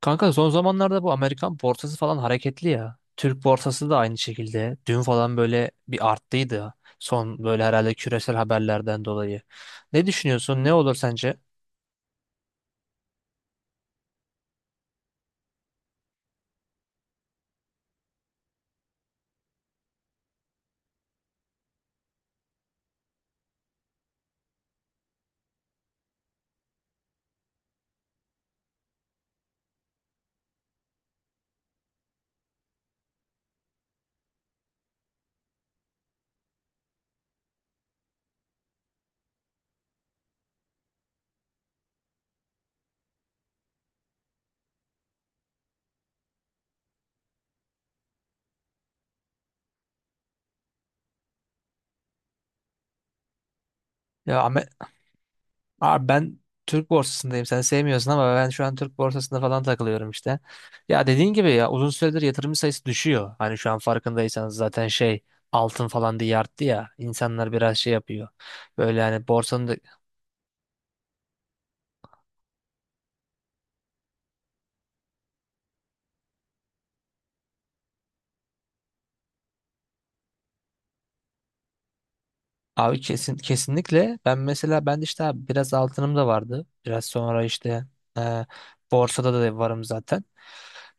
Kanka son zamanlarda bu Amerikan borsası falan hareketli ya. Türk borsası da aynı şekilde. Dün falan böyle bir arttıydı. Son böyle herhalde küresel haberlerden dolayı. Ne düşünüyorsun? Ne olur sence? Ya abi ben Türk borsasındayım. Sen sevmiyorsun ama ben şu an Türk borsasında falan takılıyorum işte. Ya dediğin gibi ya uzun süredir yatırım sayısı düşüyor. Hani şu an farkındaysanız zaten şey altın falan diye arttı ya. İnsanlar biraz şey yapıyor. Böyle hani borsanın da. Abi kesinlikle ben mesela ben de işte abi biraz altınım da vardı. Biraz sonra işte, e, borsada da varım zaten.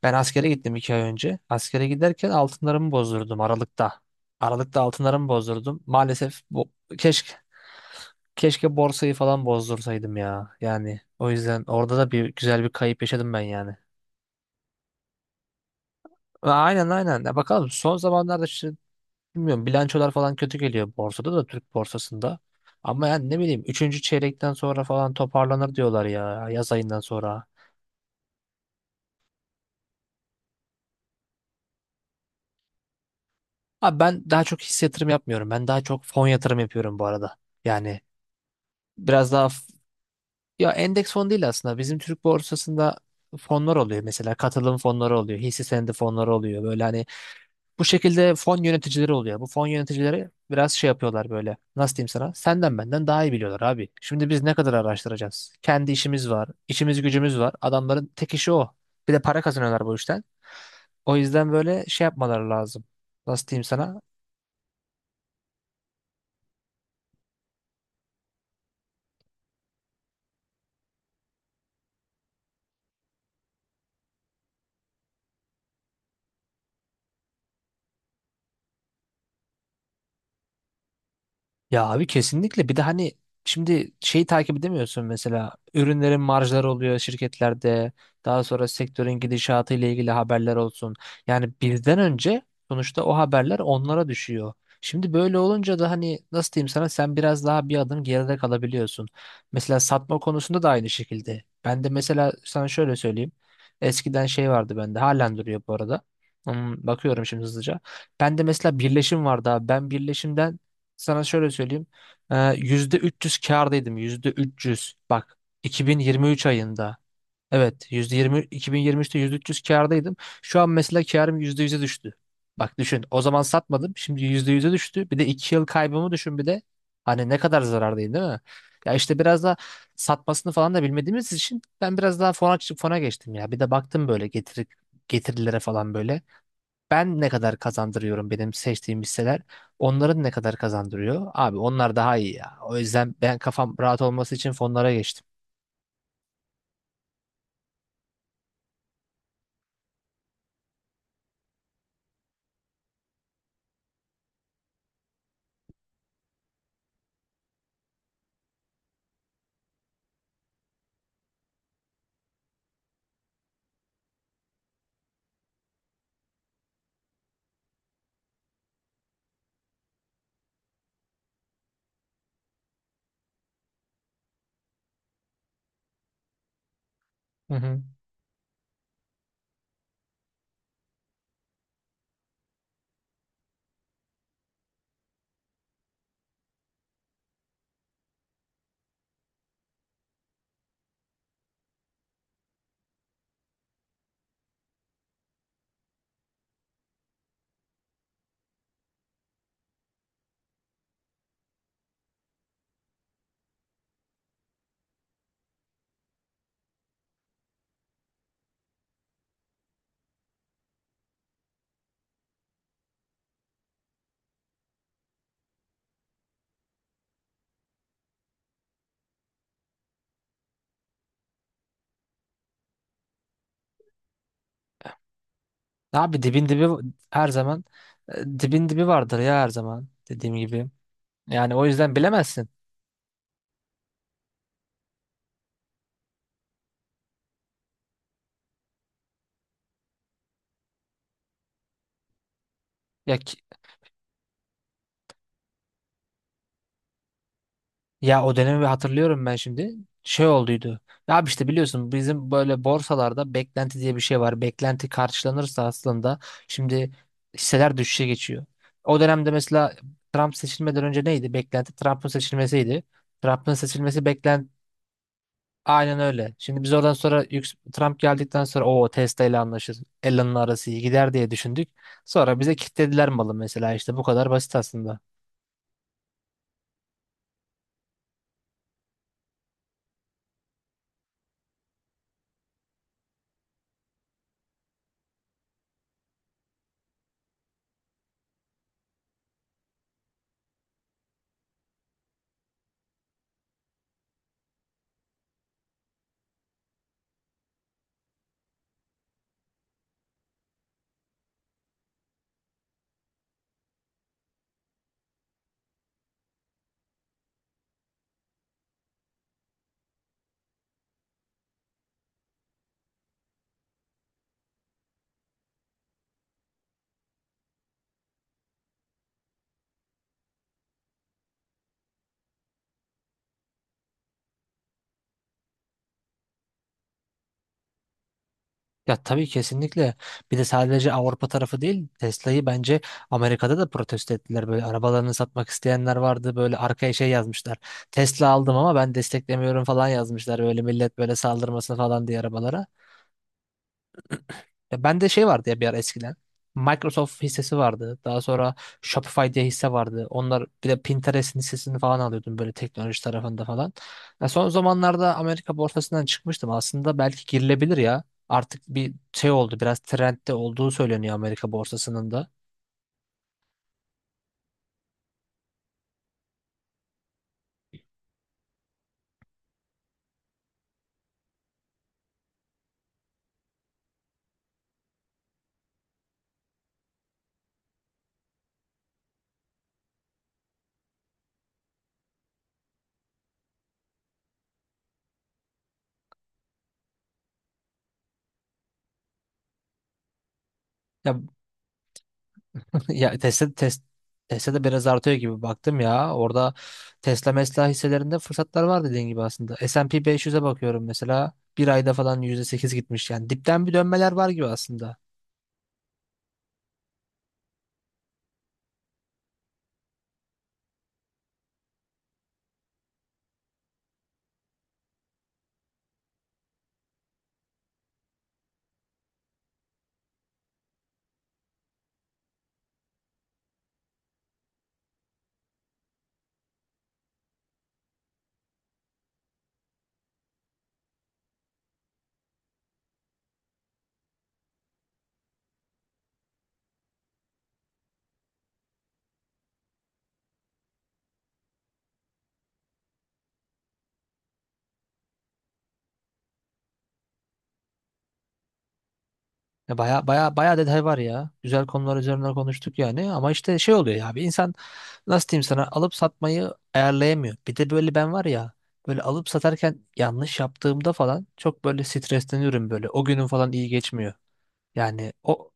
Ben askere gittim 2 ay önce. Askere giderken altınlarımı bozdurdum Aralık'ta. Aralık'ta altınlarımı bozdurdum. Maalesef bu, keşke keşke borsayı falan bozdursaydım ya. Yani o yüzden orada da bir güzel bir kayıp yaşadım ben yani. Aynen, aynen. Ya bakalım son zamanlarda işte. Bilmiyorum, bilançolar falan kötü geliyor borsada da, Türk borsasında. Ama yani ne bileyim üçüncü çeyrekten sonra falan toparlanır diyorlar ya, yaz ayından sonra. Abi ben daha çok hisse yatırım yapmıyorum. Ben daha çok fon yatırım yapıyorum bu arada. Yani biraz daha ya endeks fon değil aslında. Bizim Türk borsasında fonlar oluyor mesela, katılım fonları oluyor, hisse senedi fonları oluyor. Böyle hani bu şekilde fon yöneticileri oluyor. Bu fon yöneticileri biraz şey yapıyorlar böyle. Nasıl diyeyim sana? Senden benden daha iyi biliyorlar abi. Şimdi biz ne kadar araştıracağız? Kendi işimiz var, işimiz gücümüz var. Adamların tek işi o. Bir de para kazanıyorlar bu işten. O yüzden böyle şey yapmaları lazım. Nasıl diyeyim sana? Ya abi kesinlikle, bir de hani şimdi şeyi takip edemiyorsun mesela, ürünlerin marjları oluyor şirketlerde, daha sonra sektörün gidişatı ile ilgili haberler olsun. Yani bizden önce sonuçta o haberler onlara düşüyor. Şimdi böyle olunca da hani nasıl diyeyim sana, sen biraz daha bir adım geride kalabiliyorsun. Mesela satma konusunda da aynı şekilde. Ben de mesela sana şöyle söyleyeyim. Eskiden şey vardı bende, halen duruyor bu arada. Bakıyorum şimdi hızlıca. Ben de mesela birleşim vardı abi. Ben birleşimden sana şöyle söyleyeyim. %300 kârdaydım. %300. Bak, 2023 ayında. Evet, %20, 2023'te %300 kârdaydım. Şu an mesela kârım %100'e düştü. Bak, düşün. O zaman satmadım. Şimdi %100'e düştü. Bir de 2 yıl kaybımı düşün bir de. Hani ne kadar zarardayım, değil mi? Ya işte biraz da satmasını falan da bilmediğimiz için ben biraz daha fona geçtim ya. Bir de baktım böyle getirilere falan, böyle ben ne kadar kazandırıyorum, benim seçtiğim hisseler onların ne kadar kazandırıyor? Abi onlar daha iyi ya. O yüzden ben kafam rahat olması için fonlara geçtim. Hı hı. Abi dibin dibi her zaman, dibin dibi vardır ya her zaman, dediğim gibi. Yani o yüzden bilemezsin. Ya ki- Ya o dönemi hatırlıyorum ben şimdi. Şey olduydu. Ya abi işte biliyorsun, bizim böyle borsalarda beklenti diye bir şey var. Beklenti karşılanırsa aslında şimdi hisseler düşüşe geçiyor. O dönemde mesela Trump seçilmeden önce neydi? Beklenti Trump'ın seçilmesiydi. Trump'ın seçilmesi aynen öyle. Şimdi biz oradan sonra Trump geldikten sonra o Tesla ile anlaşır, Elon'la arası iyi gider diye düşündük. Sonra bize kilitlediler malı mesela, işte bu kadar basit aslında. Ya tabii, kesinlikle. Bir de sadece Avrupa tarafı değil, Tesla'yı bence Amerika'da da protesto ettiler. Böyle arabalarını satmak isteyenler vardı. Böyle arkaya şey yazmışlar. Tesla aldım ama ben desteklemiyorum falan yazmışlar. Böyle millet böyle saldırmasın falan diye arabalara. Ya bende şey vardı ya bir ara eskiden. Microsoft hissesi vardı. Daha sonra Shopify diye hisse vardı. Onlar, bir de Pinterest'in hissesini falan alıyordum böyle teknoloji tarafında falan. Ya son zamanlarda Amerika borsasından çıkmıştım. Aslında belki girilebilir ya. Artık bir şey oldu. Biraz trendde olduğu söyleniyor Amerika borsasının da. Ya Ya Tesla Tesla da biraz artıyor gibi baktım ya. Orada Tesla mesela hisselerinde fırsatlar var dediğin gibi aslında. S&P 500'e bakıyorum mesela. Bir ayda falan %8 gitmiş yani. Dipten bir dönmeler var gibi aslında. Ya baya baya baya detay var ya. Güzel konular üzerine konuştuk yani. Ama işte şey oluyor ya. Bir insan nasıl diyeyim sana, alıp satmayı ayarlayamıyor. Bir de böyle ben var ya. Böyle alıp satarken yanlış yaptığımda falan çok böyle stresleniyorum böyle. O günüm falan iyi geçmiyor. Yani o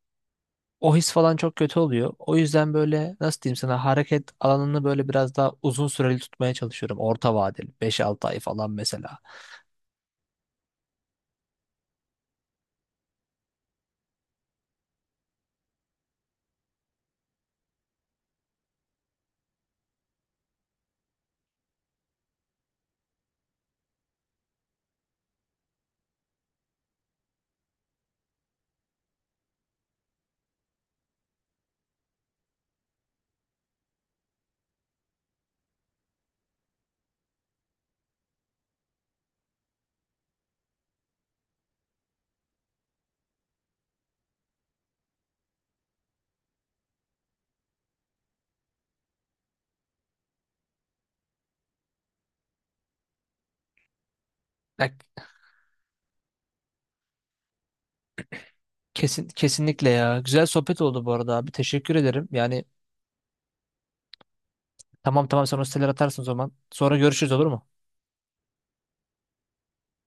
O his falan çok kötü oluyor. O yüzden böyle nasıl diyeyim sana, hareket alanını böyle biraz daha uzun süreli tutmaya çalışıyorum. Orta vadeli 5 6 ay falan mesela. Ya, kesinlikle ya. Güzel sohbet oldu bu arada abi. Teşekkür ederim. Yani tamam, tamam, sen o siteleri atarsın o zaman. Sonra görüşürüz, olur mu?